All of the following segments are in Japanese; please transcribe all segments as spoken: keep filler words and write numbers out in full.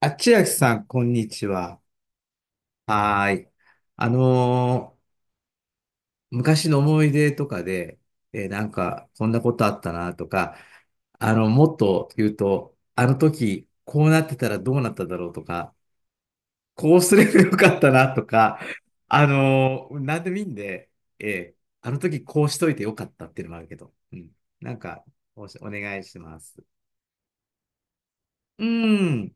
あ、千秋さん、こんにちは。はーい。あのー昔の思い出とかで、えーなんか、こんなことあったなとか、あの、もっと言うと、あの時、こうなってたらどうなっただろうとか、こうすればよかったなとか、あのーなんでもいいんで、えーあの時こうしといてよかったっていうのもあるけど、うん。なんか、おし、お願いします。うん。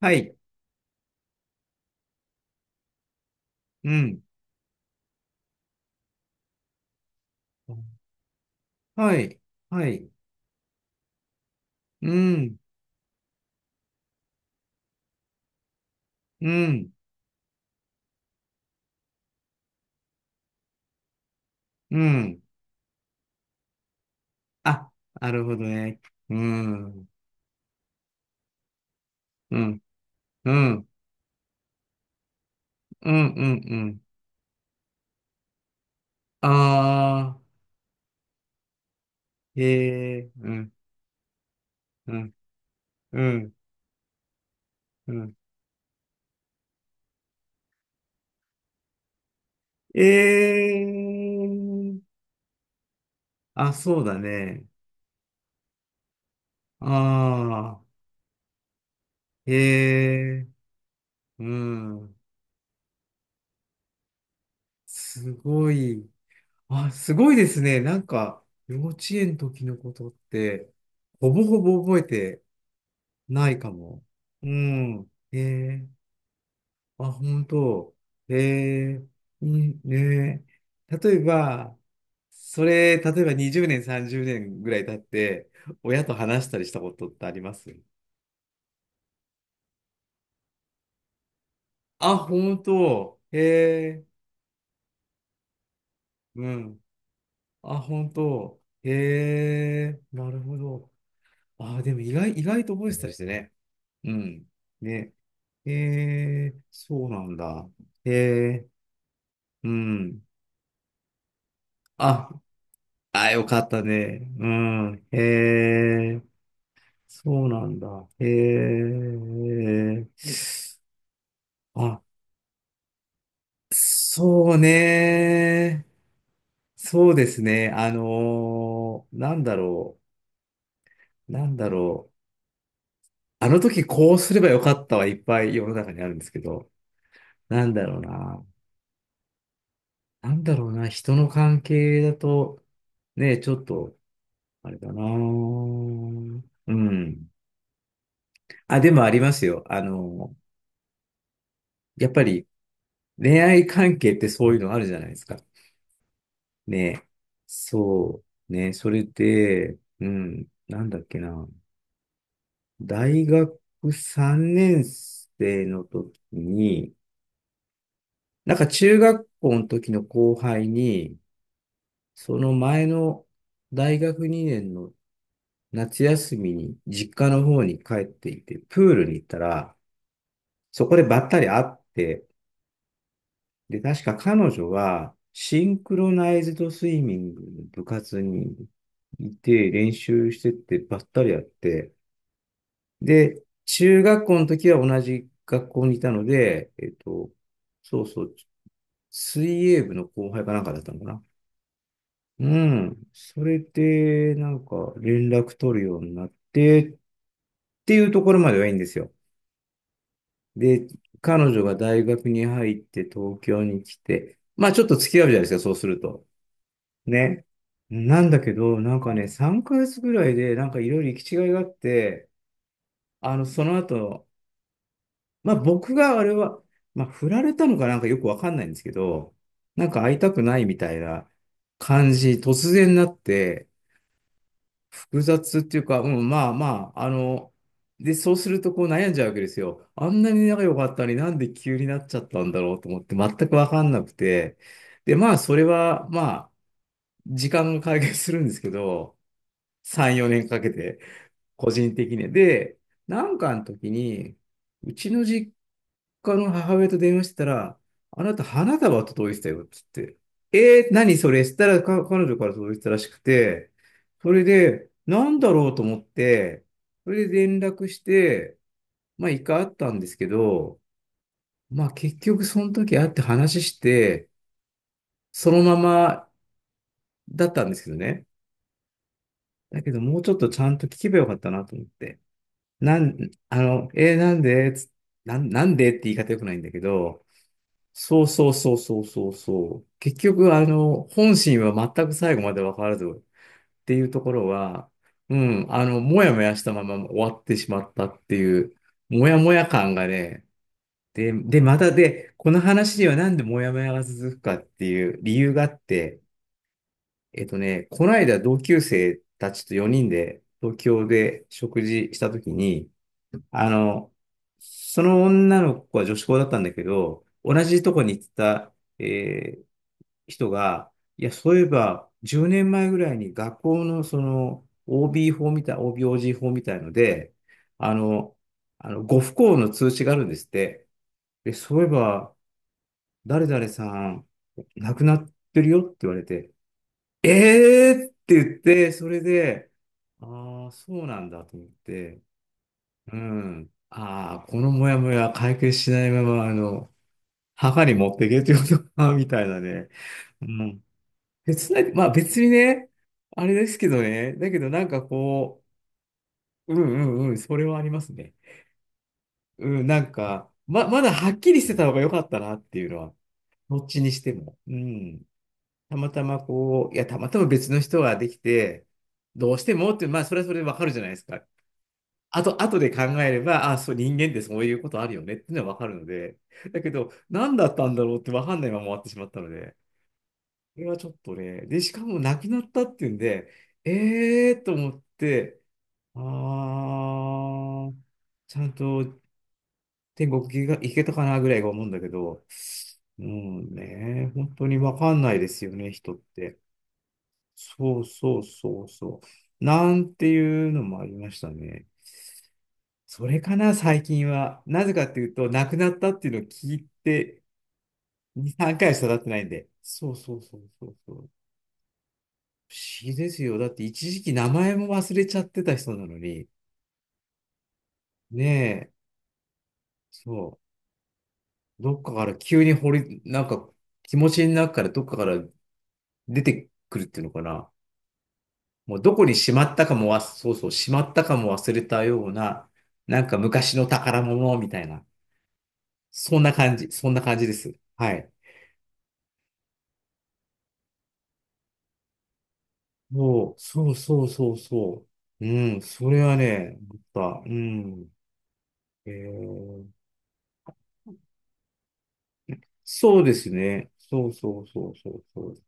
はい。うん。はい。はい。うん。うん。うん。あ、なるほどね。うん。うん。うん。うん。うん。うん。あー。へえー。うん。うん。うん。うんえー。あ、そうだね。あー。へえー。うん。すごい。あ、すごいですね。なんか、幼稚園の時のことって、ほぼほぼ覚えてないかも。うん。えー。あ、本当。ええ、いいね。例えば、それ、例えばにじゅうねん、さんじゅうねんぐらい経って、親と話したりしたことってあります？あ、本当。ええ、うん。あ、本当。ええ、なるほど。あ、でも意外、意外と覚えてたりしてね。うん。ね。ええ、そうなんだ。ええ、うん。あ、あ、よかったね。うん。ええ。そうなんだ。へえ。あ、そうね。そうですね。あのーなんだろう。なんだろう。あの時こうすればよかったはいっぱい世の中にあるんですけど、なんだろうな。なんだろうな。人の関係だと、ね、ちょっと、あれだな。うん。あ、でもありますよ。あの、やっぱり恋愛関係ってそういうのあるじゃないですか。ね、そうね、それで、うん、なんだっけな、大学さんねん生の時に、なんか中学校の時の後輩に、その前の大学にねんの夏休みに実家の方に帰っていて、プールに行ったら、そこでばったり会って、で、確か彼女は、シンクロナイズドスイミングの部活にいて、練習してってばったりやって、で、中学校の時は同じ学校にいたので、えっと、そうそう、水泳部の後輩かなんかだったのかな。うん。それで、なんか、連絡取るようになって、っていうところまではいいんですよ。で、彼女が大学に入って東京に来て、まあちょっと付き合うじゃないですか、そうすると。ね。なんだけど、なんかね、さんかげつぐらいで、なんかいろいろ行き違いがあって、あの、その後、まあ僕があれは、まあ振られたのかなんかよくわかんないんですけど、なんか会いたくないみたいな感じ、突然なって、複雑っていうか、うん、まあまあ、あの、で、そうするとこう悩んじゃうわけですよ。あんなに仲良かったのになんで急になっちゃったんだろうと思って、全くわかんなくて、で、まあそれは、まあ、時間が解決するんですけど、さん、よねんかけて、個人的に。で、なんかの時に、うちの実家の母親と電話してたら、あなた花束届いてたよって言って、えー、何それしたらか彼女から届いてたらしくて、それで、なんだろうと思って、それで連絡して、まあ一回会ったんですけど、まあ結局その時会って話して、そのままだったんですけどね。だけどもうちょっとちゃんと聞けばよかったなと思って。なん、あの、えーなんでつなん、なんでって言い方良くないんだけど、そうそうそうそうそうそう。結局、あの、本心は全く最後まで分からずっていうところは、うん、あの、もやもやしたまま終わってしまったっていう、もやもや感がね、で、で、またで、この話にはなんでもやもやが続くかっていう理由があって、えっとね、この間同級生たちとよにんで東京で食事したときに、あの、その女の子は女子校だったんだけど、同じとこに行ってた、えー人が、いや、そういえば、じゅうねんまえぐらいに学校のその オービー 法みたい、オービー/オージー 法みたいので、あの、あの、ご不幸の通知があるんですって。で、そういえば、誰々さん、亡くなってるよって言われて、えーって言って、それで、ああ、そうなんだと思って、うん。ああ、このモヤモヤ解決しないまま、あの、墓に持っていけということか、みたいなね。うん。別な、まあ別にね、あれですけどね、だけどなんかこう、うんうんうん、それはありますね。うん、なんか、ま、まだはっきりしてた方が良かったなっていうのは、どっちにしても。うん。たまたまこう、いや、たまたま別の人ができて、どうしてもって、まあそれはそれでわかるじゃないですか。あと、後で考えれば、あ、そう、人間ってそういうことあるよねっていうのはわかるので、だけど、何だったんだろうってわかんないまま終わってしまったので、これはちょっとね、で、しかも亡くなったっていうんで、えーと思って、あー、ちゃんと天国行けが行けたかなぐらいが思うんだけど、うんね、本当にわかんないですよね、人って。そうそうそうそう。なんていうのもありましたね。それかな、最近は。なぜかっていうと、亡くなったっていうのを聞いて、に、さんかいしか経ってないんで。そうそうそうそうそう。不思議ですよ。だって一時期名前も忘れちゃってた人なのに、ねえ、そう、どっかから急に掘り、なんか気持ちの中からどっかから出てくるっていうのかな。もうどこにしまったかもわ、そうそう、しまったかも忘れたような、なんか昔の宝物みたいな、そんな感じ、そんな感じです。はい。そう、そうそうそうそう。うん、それはね、思った。うん。えー、そうですね。そうそうそうそうそうそ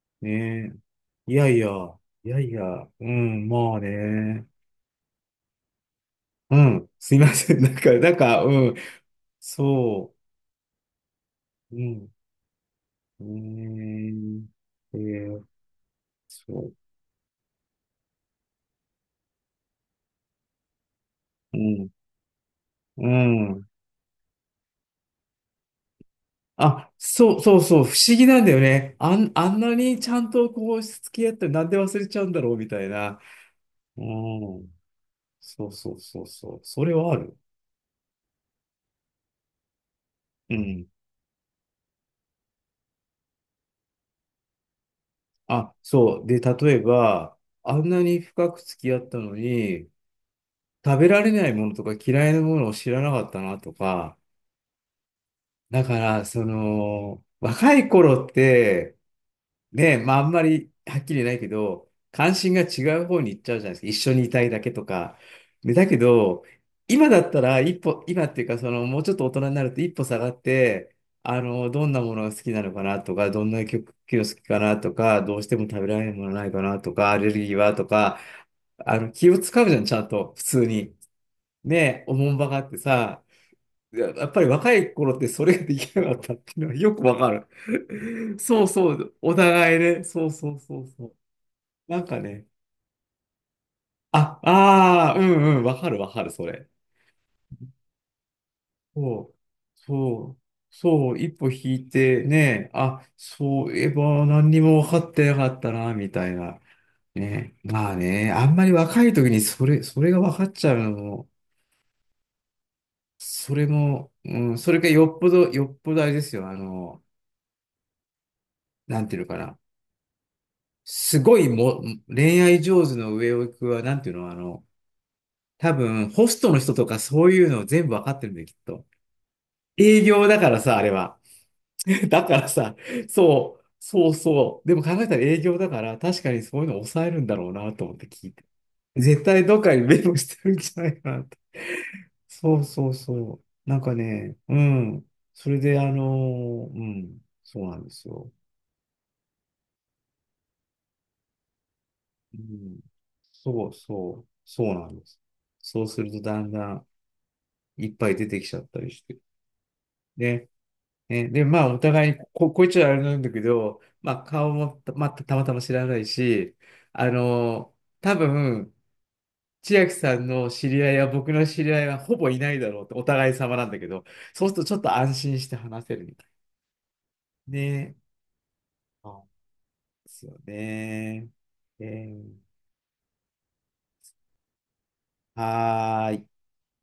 う。ねえ。いやいや、いやいや、うん、まあね。うん、すいません。なんか、なんか、うん、そう、うん、ねえ、えー、そう、うん、うん。あ、そうそうそう、不思議なんだよね。あん、あんなにちゃんとこう、付き合ってなんで忘れちゃうんだろうみたいな。うん。そうそうそうそう。それはある。うん。あ、そう。で、例えば、あんなに深く付き合ったのに、食べられないものとか嫌いなものを知らなかったなとか、だから、その、若い頃って、ねえ、まああんまりはっきり言えないけど、関心が違う方に行っちゃうじゃないですか。一緒にいたいだけとか。でだけど、今だったら一歩、今っていうか、その、もうちょっと大人になると一歩下がって、あの、どんなものが好きなのかなとか、どんな曲が好きかなとか、どうしても食べられるものないかなとか、アレルギーはとか、あの、気を使うじゃん、ちゃんと、普通に。ねえ、おもんばかってさ、いや、やっぱり若い頃ってそれができなかったっていうのはよくわかる。そうそう、お互いね。そうそうそうそう。なんかね、あ、ああ、うんうん、わかるわかる、それ。そう、そう、そう、一歩引いてね、あ、そういえば何にも分かってなかったな、みたいな。ね、まあね、あんまり若い時にそれ、それが分かっちゃうのも、それも、うん、それがよっぽど、よっぽどあれですよ、あの、なんていうのかな。すごいも、恋愛上手の上を行くは、なんていうの、あの、多分、ホストの人とかそういうの全部わかってるんだよ、きっと。営業だからさ、あれは。だからさ、そう、そうそう。でも考えたら営業だから、確かにそういうの抑えるんだろうなと思って聞いて。絶対どっかにメモしてるんじゃないかなと。そうそうそう。なんかね、うん。それで、あのーうん、そうなんですよ。うん、そうそう、そうなんです。そうするとだんだん、いっぱい出てきちゃったりして。で、ね、で、まあ、お互いに、こ、こいつはあれなんだけど、まあ、顔もた、まあ、たまたま知らないし、あの、多分、千秋さんの知り合いや僕の知り合いはほぼいないだろうってお互い様なんだけど、そうするとちょっと安心して話せるみたい。ね。そうですよね。えーはーい。